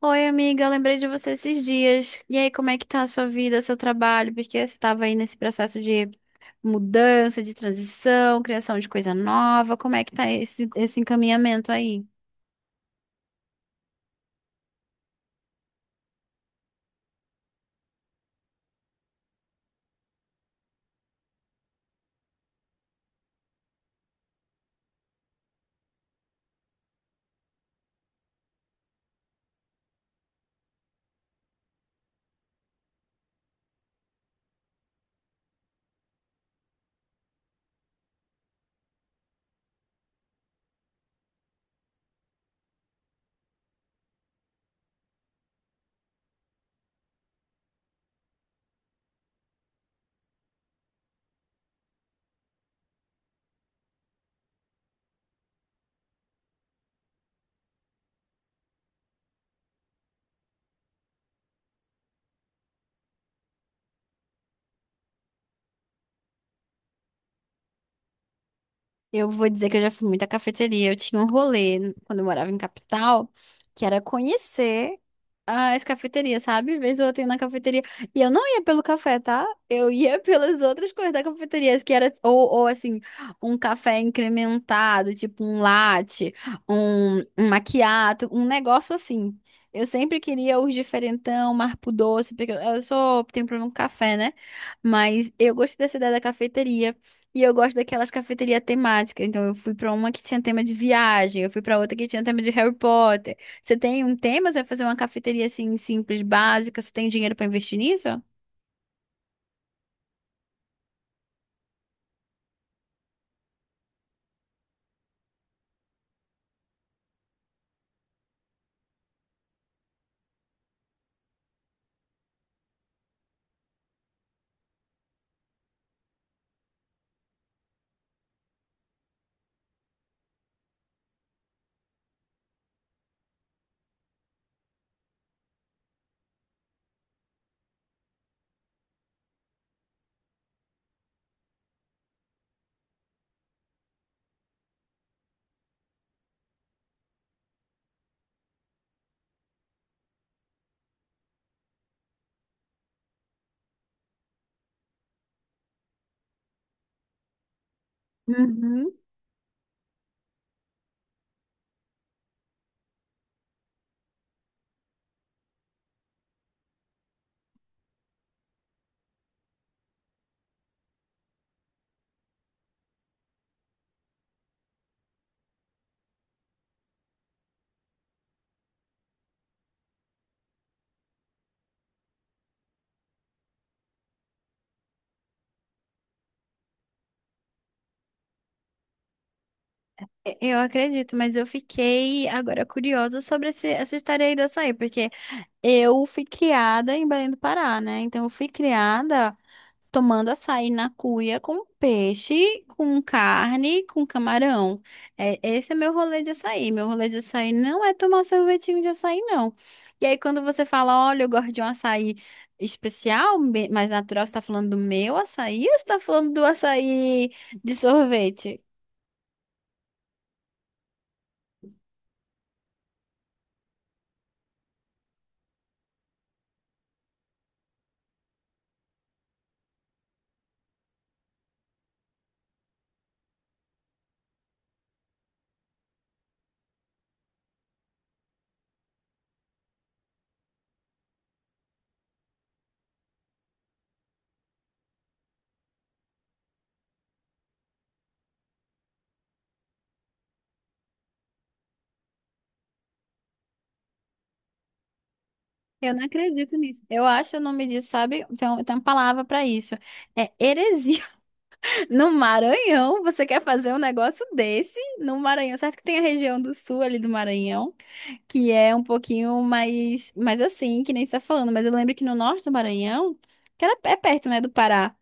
Oi, amiga, eu lembrei de você esses dias. E aí, como é que tá a sua vida, seu trabalho? Porque você estava aí nesse processo de mudança, de transição, criação de coisa nova. Como é que tá esse encaminhamento aí? Eu vou dizer que eu já fui muita cafeteria. Eu tinha um rolê quando eu morava em capital, que era conhecer as cafeterias, sabe? Vez ou outra eu ia na cafeteria. E eu não ia pelo café, tá? Eu ia pelas outras coisas da cafeteria, que era, ou assim, um café incrementado, tipo um latte, um macchiato, um negócio assim. Eu sempre queria os diferentão, marco doce, porque eu sou, tenho problema com café, né? Mas eu gostei dessa ideia da cafeteria. E eu gosto daquelas cafeterias temáticas. Então, eu fui pra uma que tinha tema de viagem, eu fui pra outra que tinha tema de Harry Potter. Você tem um tema, você vai fazer uma cafeteria assim, simples, básica. Você tem dinheiro pra investir nisso? Uhum. Eu acredito, mas eu fiquei agora curiosa sobre essa história aí do açaí, porque eu fui criada em Belém do Pará, né? Então, eu fui criada. Tomando açaí na cuia com peixe, com carne, com camarão. É, esse é meu rolê de açaí. Meu rolê de açaí não é tomar sorvetinho de açaí, não. E aí, quando você fala, olha, eu gosto de um açaí especial, mais natural, você tá falando do meu açaí ou você tá falando do açaí de sorvete? Eu não acredito nisso. Eu acho o nome disso, sabe? Tem, um, tem uma palavra para isso. É heresia. No Maranhão, você quer fazer um negócio desse no Maranhão? Certo que tem a região do sul ali do Maranhão, que é um pouquinho mais, mais assim, que nem você tá falando, mas eu lembro que no norte do Maranhão, que era, é perto, né, do Pará,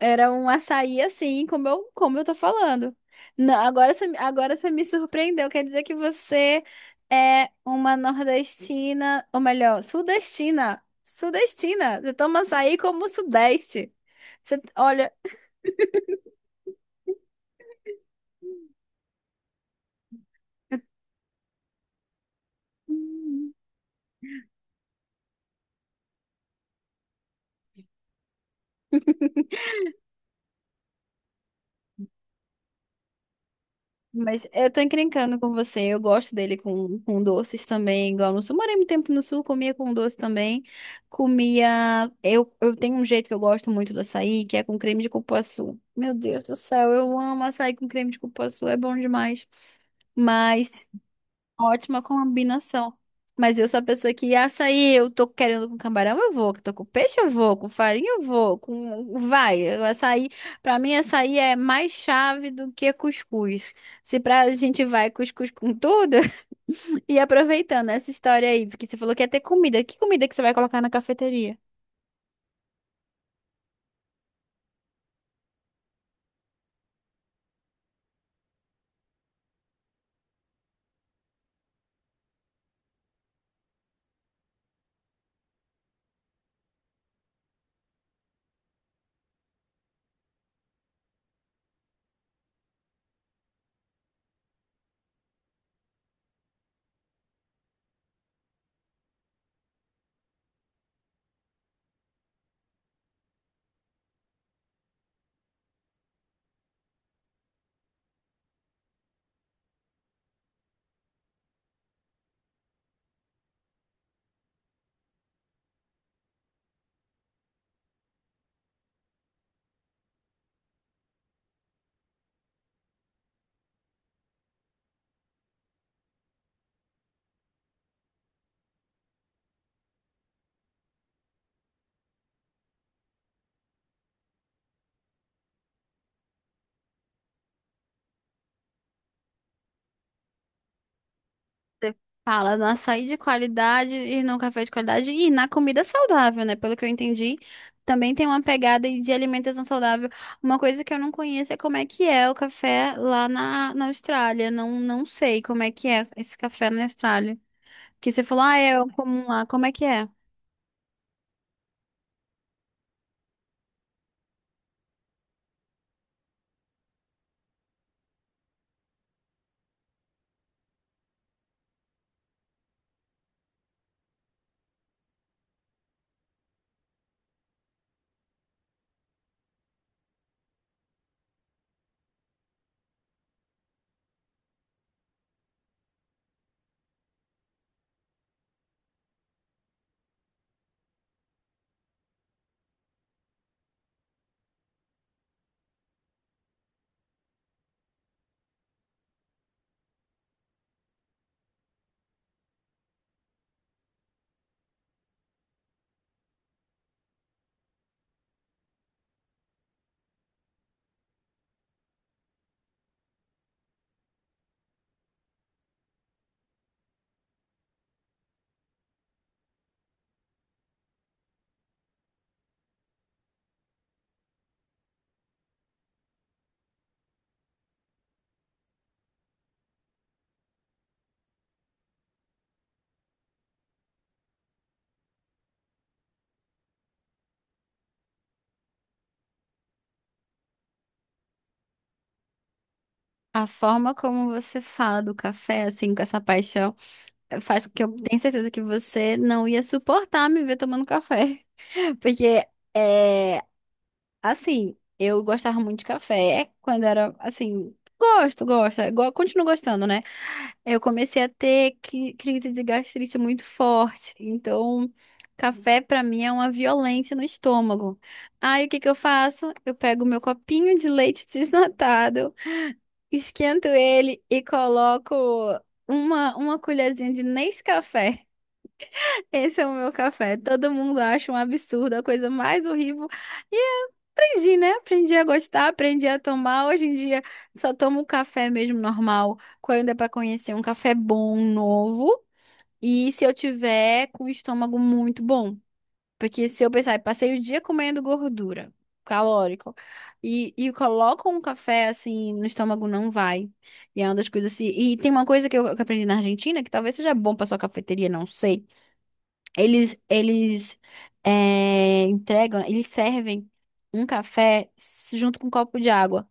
era um açaí assim, como eu tô falando. Não, agora você me surpreendeu, quer dizer que você é uma nordestina, ou melhor, sudestina. Sudestina, você toma açaí como o sudeste. Você, olha. Mas eu tô encrencando com você. Eu gosto dele com doces também, igual no sul. Morei muito tempo no sul, comia com doce também. Comia. Eu tenho um jeito que eu gosto muito do açaí, que é com creme de cupuaçu. Meu Deus do céu, eu amo açaí com creme de cupuaçu, é bom demais. Mas. Ótima combinação. Mas eu sou a pessoa que açaí, eu tô querendo com camarão, eu vou, que tô com peixe, eu vou, com farinha, eu vou, com vai, o açaí, pra mim açaí é mais chave do que cuscuz. Se pra gente vai cuscuz com tudo, e aproveitando essa história aí, porque você falou que ia ter comida que você vai colocar na cafeteria? Você fala no açaí de qualidade e no café de qualidade e na comida saudável, né? Pelo que eu entendi, também tem uma pegada aí de alimentação saudável. Uma coisa que eu não conheço é como é que é o café lá na Austrália. Não, não sei como é que é esse café na Austrália. Que você falou, ah, é comum lá. Como é que é? A forma como você fala do café, assim, com essa paixão, faz com que eu tenha certeza que você não ia suportar me ver tomando café. Porque. É, assim, eu gostava muito de café é quando era assim. Gosto, gosto, continuo gostando, né? Eu comecei a ter crise de gastrite muito forte. Então, café pra mim é uma violência no estômago. Aí, o que que eu faço? Eu pego meu copinho de leite desnatado, esquento ele e coloco uma colherzinha de Nescafé. Esse é o meu café. Todo mundo acha um absurdo, a coisa mais horrível. Aprendi, né? Aprendi a gostar, aprendi a tomar. Hoje em dia só tomo um café mesmo normal, quando é para conhecer um café bom, novo, e se eu tiver com o estômago muito bom. Porque se eu pensar, "Ai, passei o dia comendo gordura, calórico, e coloco um café assim no estômago, não vai. E é uma das coisas assim. E tem uma coisa que eu aprendi na Argentina, que talvez seja bom para sua cafeteria, não sei eles entregam, eles servem um café junto com um copo de água.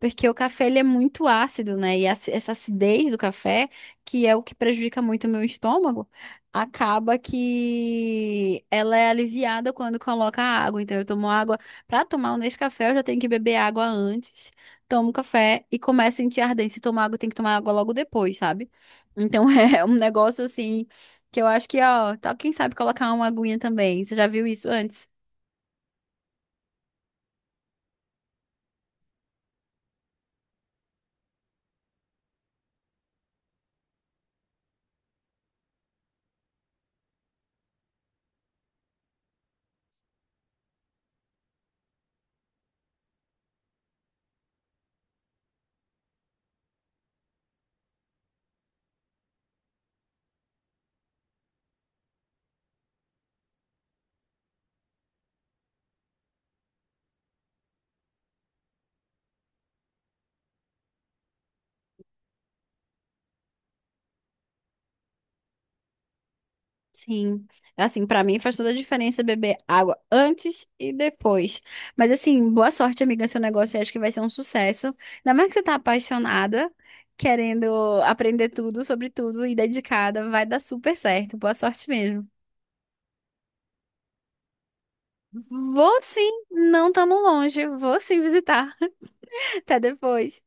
Porque o café ele é muito ácido, né? E essa acidez do café, que é o que prejudica muito o meu estômago, acaba que ela é aliviada quando coloca água. Então eu tomo água. Para tomar o Nescafé, eu já tenho que beber água antes. Tomo café e começo a sentir ardência. Se tomar água, tem que tomar água logo depois, sabe? Então é um negócio assim que eu acho que, ó, tá, quem sabe colocar uma aguinha também. Você já viu isso antes? Sim, assim, pra mim faz toda a diferença beber água antes e depois. Mas assim, boa sorte, amiga, seu negócio, eu acho que vai ser um sucesso. Ainda mais que você tá apaixonada, querendo aprender tudo sobre tudo e dedicada, vai dar super certo. Boa sorte mesmo. Vou sim, não tamo longe, vou sim visitar. Até depois.